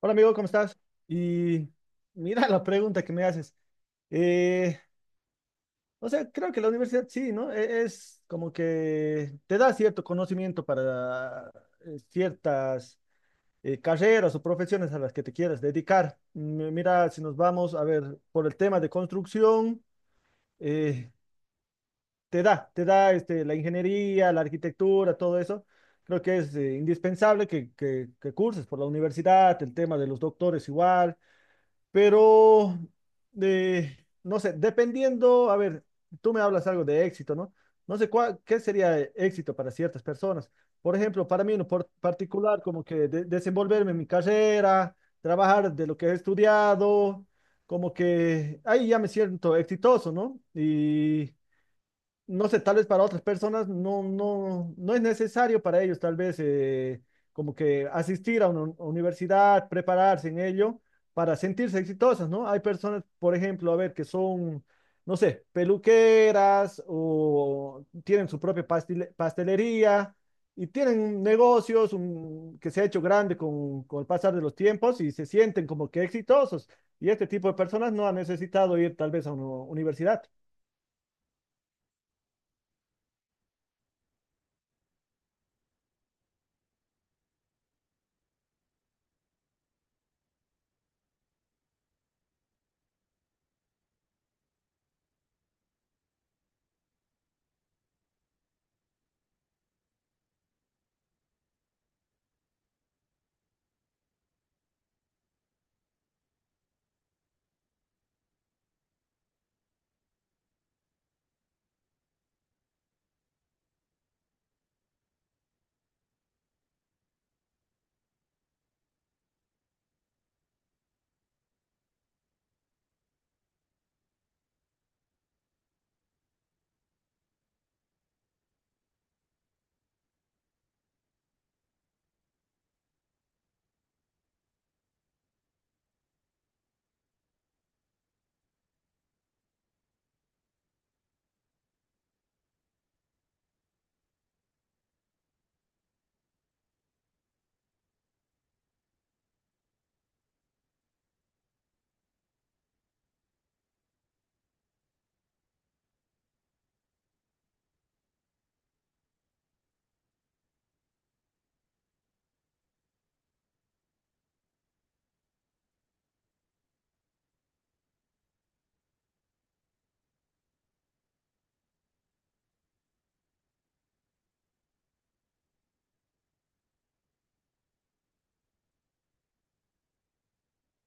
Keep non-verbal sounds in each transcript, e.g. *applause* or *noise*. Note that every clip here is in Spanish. Hola amigo, ¿cómo estás? Y mira la pregunta que me haces. Eh, o sea, creo que la universidad sí, ¿no? Es como que te da cierto conocimiento para ciertas carreras o profesiones a las que te quieras dedicar. Mm, mira, si nos vamos a ver por el tema de construcción, eh, te da este, la ingeniería, la arquitectura, todo eso. Creo que es indispensable que curses por la universidad, el tema de los doctores igual. Pero, eh, no sé, dependiendo, a ver, tú me hablas algo de éxito, ¿no? No sé cuál, qué sería éxito para ciertas personas. Por ejemplo, para mí en lo particular, como que desenvolverme en mi carrera, trabajar de lo que he estudiado, como que ahí ya me siento exitoso, ¿no? Y no sé, tal vez para otras personas no, no, no es necesario para ellos, tal vez como que asistir a una universidad, prepararse en ello para sentirse exitosas, ¿no? Hay personas, por ejemplo, a ver, que son, no sé, peluqueras o tienen su propia pastelería y tienen negocios que se ha hecho grande con el pasar de los tiempos y se sienten como que exitosos. Y este tipo de personas no han necesitado ir tal vez a una universidad.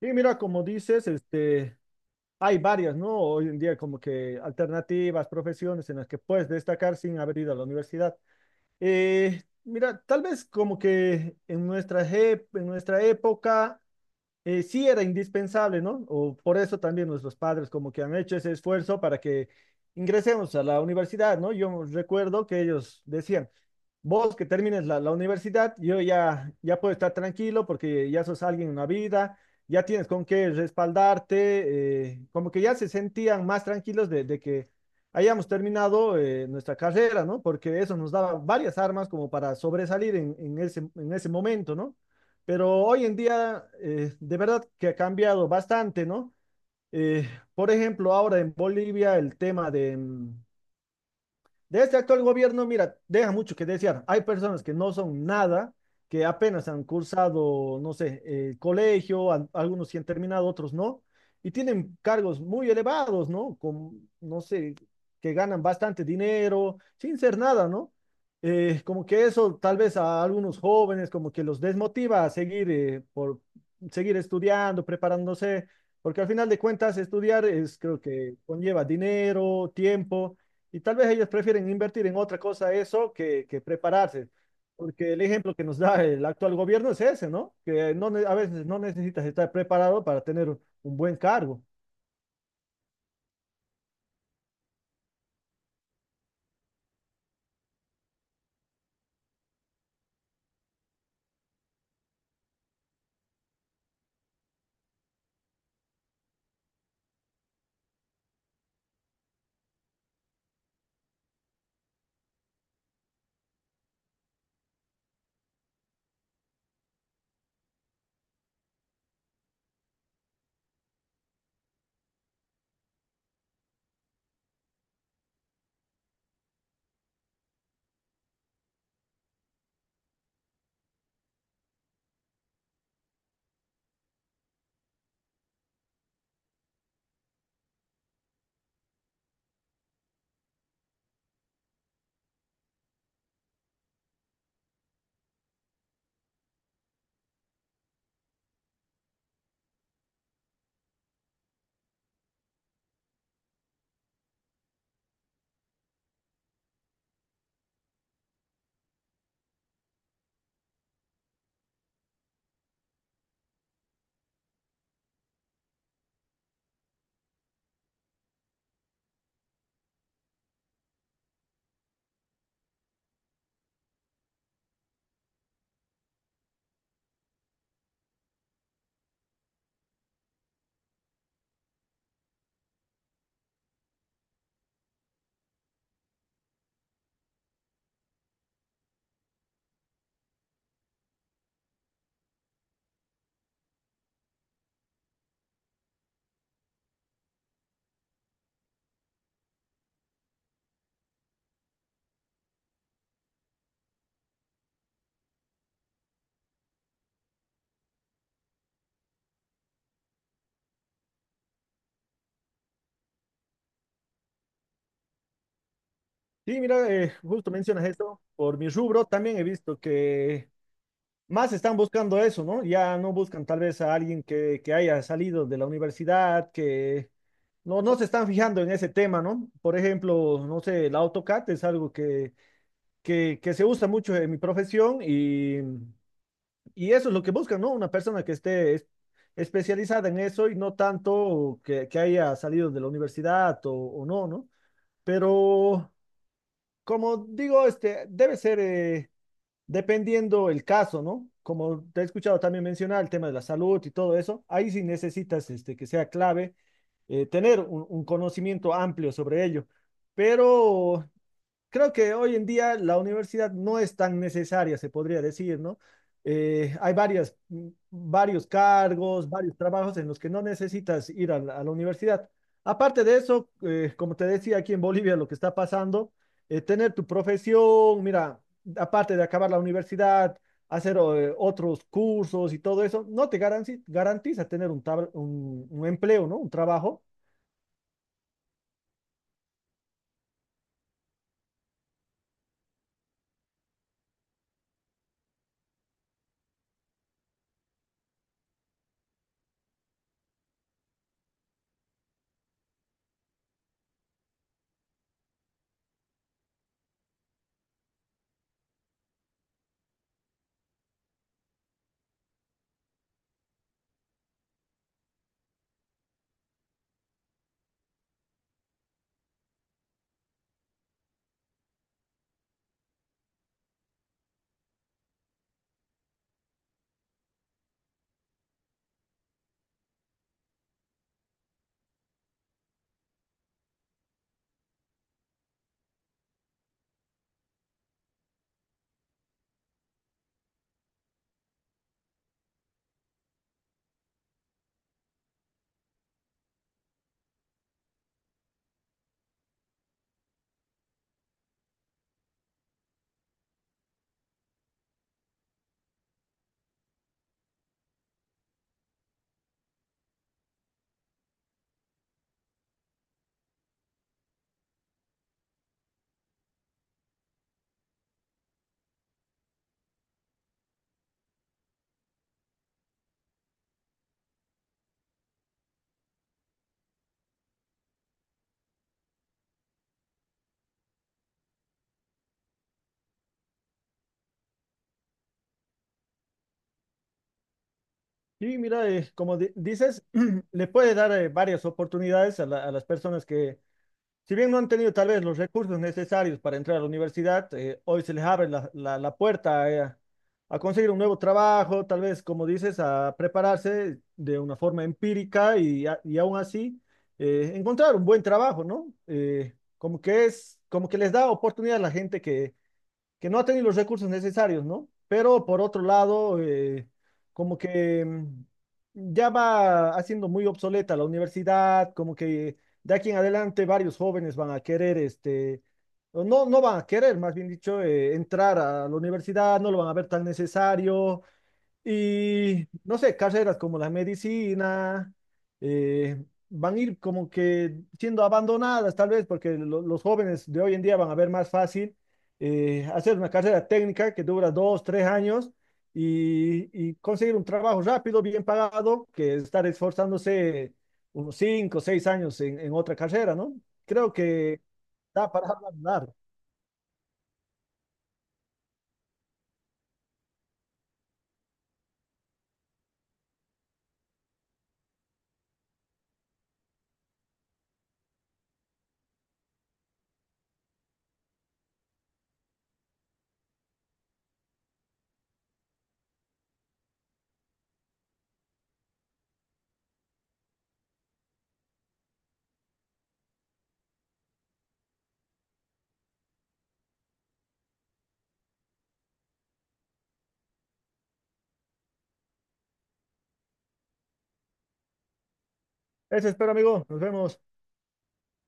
Sí, mira, como dices, este, hay varias, ¿no? Hoy en día como que alternativas, profesiones en las que puedes destacar sin haber ido a la universidad. Mira, tal vez como que en en nuestra época sí era indispensable, ¿no? O por eso también nuestros padres como que han hecho ese esfuerzo para que ingresemos a la universidad, ¿no? Yo recuerdo que ellos decían, vos que termines la universidad, yo ya, ya puedo estar tranquilo porque ya sos alguien en la vida, ya tienes con qué respaldarte, como que ya se sentían más tranquilos de que hayamos terminado nuestra carrera, ¿no? Porque eso nos daba varias armas como para sobresalir en ese momento, ¿no? Pero hoy en día, de verdad que ha cambiado bastante, ¿no? Eh, por ejemplo, ahora en Bolivia el tema de, de este actual gobierno, mira, deja mucho que desear. Hay personas que no son nada, que apenas han cursado, no sé, colegio, algunos sí han terminado, otros no, y tienen cargos muy elevados, ¿no? Con, no sé, que ganan bastante dinero sin ser nada, ¿no? Como que eso tal vez a algunos jóvenes como que los desmotiva a seguir, seguir estudiando, preparándose, porque al final de cuentas estudiar es, creo que conlleva dinero, tiempo. Y tal vez ellos prefieren invertir en otra cosa eso que prepararse, porque el ejemplo que nos da el actual gobierno es ese, ¿no? Que no, a veces no necesitas estar preparado para tener un buen cargo. Sí, mira, justo mencionas esto, por mi rubro también he visto que más están buscando eso, ¿no? Ya no buscan tal vez a alguien que haya salido de la universidad, que no, no se están fijando en ese tema, ¿no? Por ejemplo, no sé, el AutoCAD es algo que se usa mucho en mi profesión y eso es lo que buscan, ¿no? Una persona que esté especializada en eso y no tanto que haya salido de la universidad o no, ¿no? Pero, como digo, este debe ser dependiendo el caso, ¿no? Como te he escuchado también mencionar el tema de la salud y todo eso, ahí sí necesitas este, que sea clave tener un conocimiento amplio sobre ello. Pero creo que hoy en día la universidad no es tan necesaria, se podría decir, ¿no? Hay varias, varios cargos, varios trabajos en los que no necesitas ir a la universidad. Aparte de eso, como te decía aquí en Bolivia, lo que está pasando, tener tu profesión, mira, aparte de acabar la universidad, hacer otros cursos y todo eso, no te garantiza tener un, un empleo, ¿no? Un trabajo. Sí, mira, como dices, *clears throat* le puede dar varias oportunidades a, a las personas que, si bien no han tenido tal vez los recursos necesarios para entrar a la universidad, hoy se les abre la puerta a conseguir un nuevo trabajo, tal vez, como dices, a prepararse de una forma empírica y aún así encontrar un buen trabajo, ¿no? Como que es, como que les da oportunidad a la gente que no ha tenido los recursos necesarios, ¿no? Pero por otro lado, como que mm, ya va haciendo muy obsoleta la universidad, como que de aquí en adelante varios jóvenes van a querer, este, o no, no van a querer, más bien dicho, entrar a la universidad, no lo van a ver tan necesario, y no sé, carreras como la medicina eh, van a ir como que siendo abandonadas tal vez porque los jóvenes de hoy en día van a ver más fácil hacer una carrera técnica que dura 2, 3 años y conseguir un trabajo rápido, bien pagado, que estar esforzándose unos 5, 6 años en otra carrera, ¿no? Creo que da para hablar. Eso espero, amigo. Nos vemos.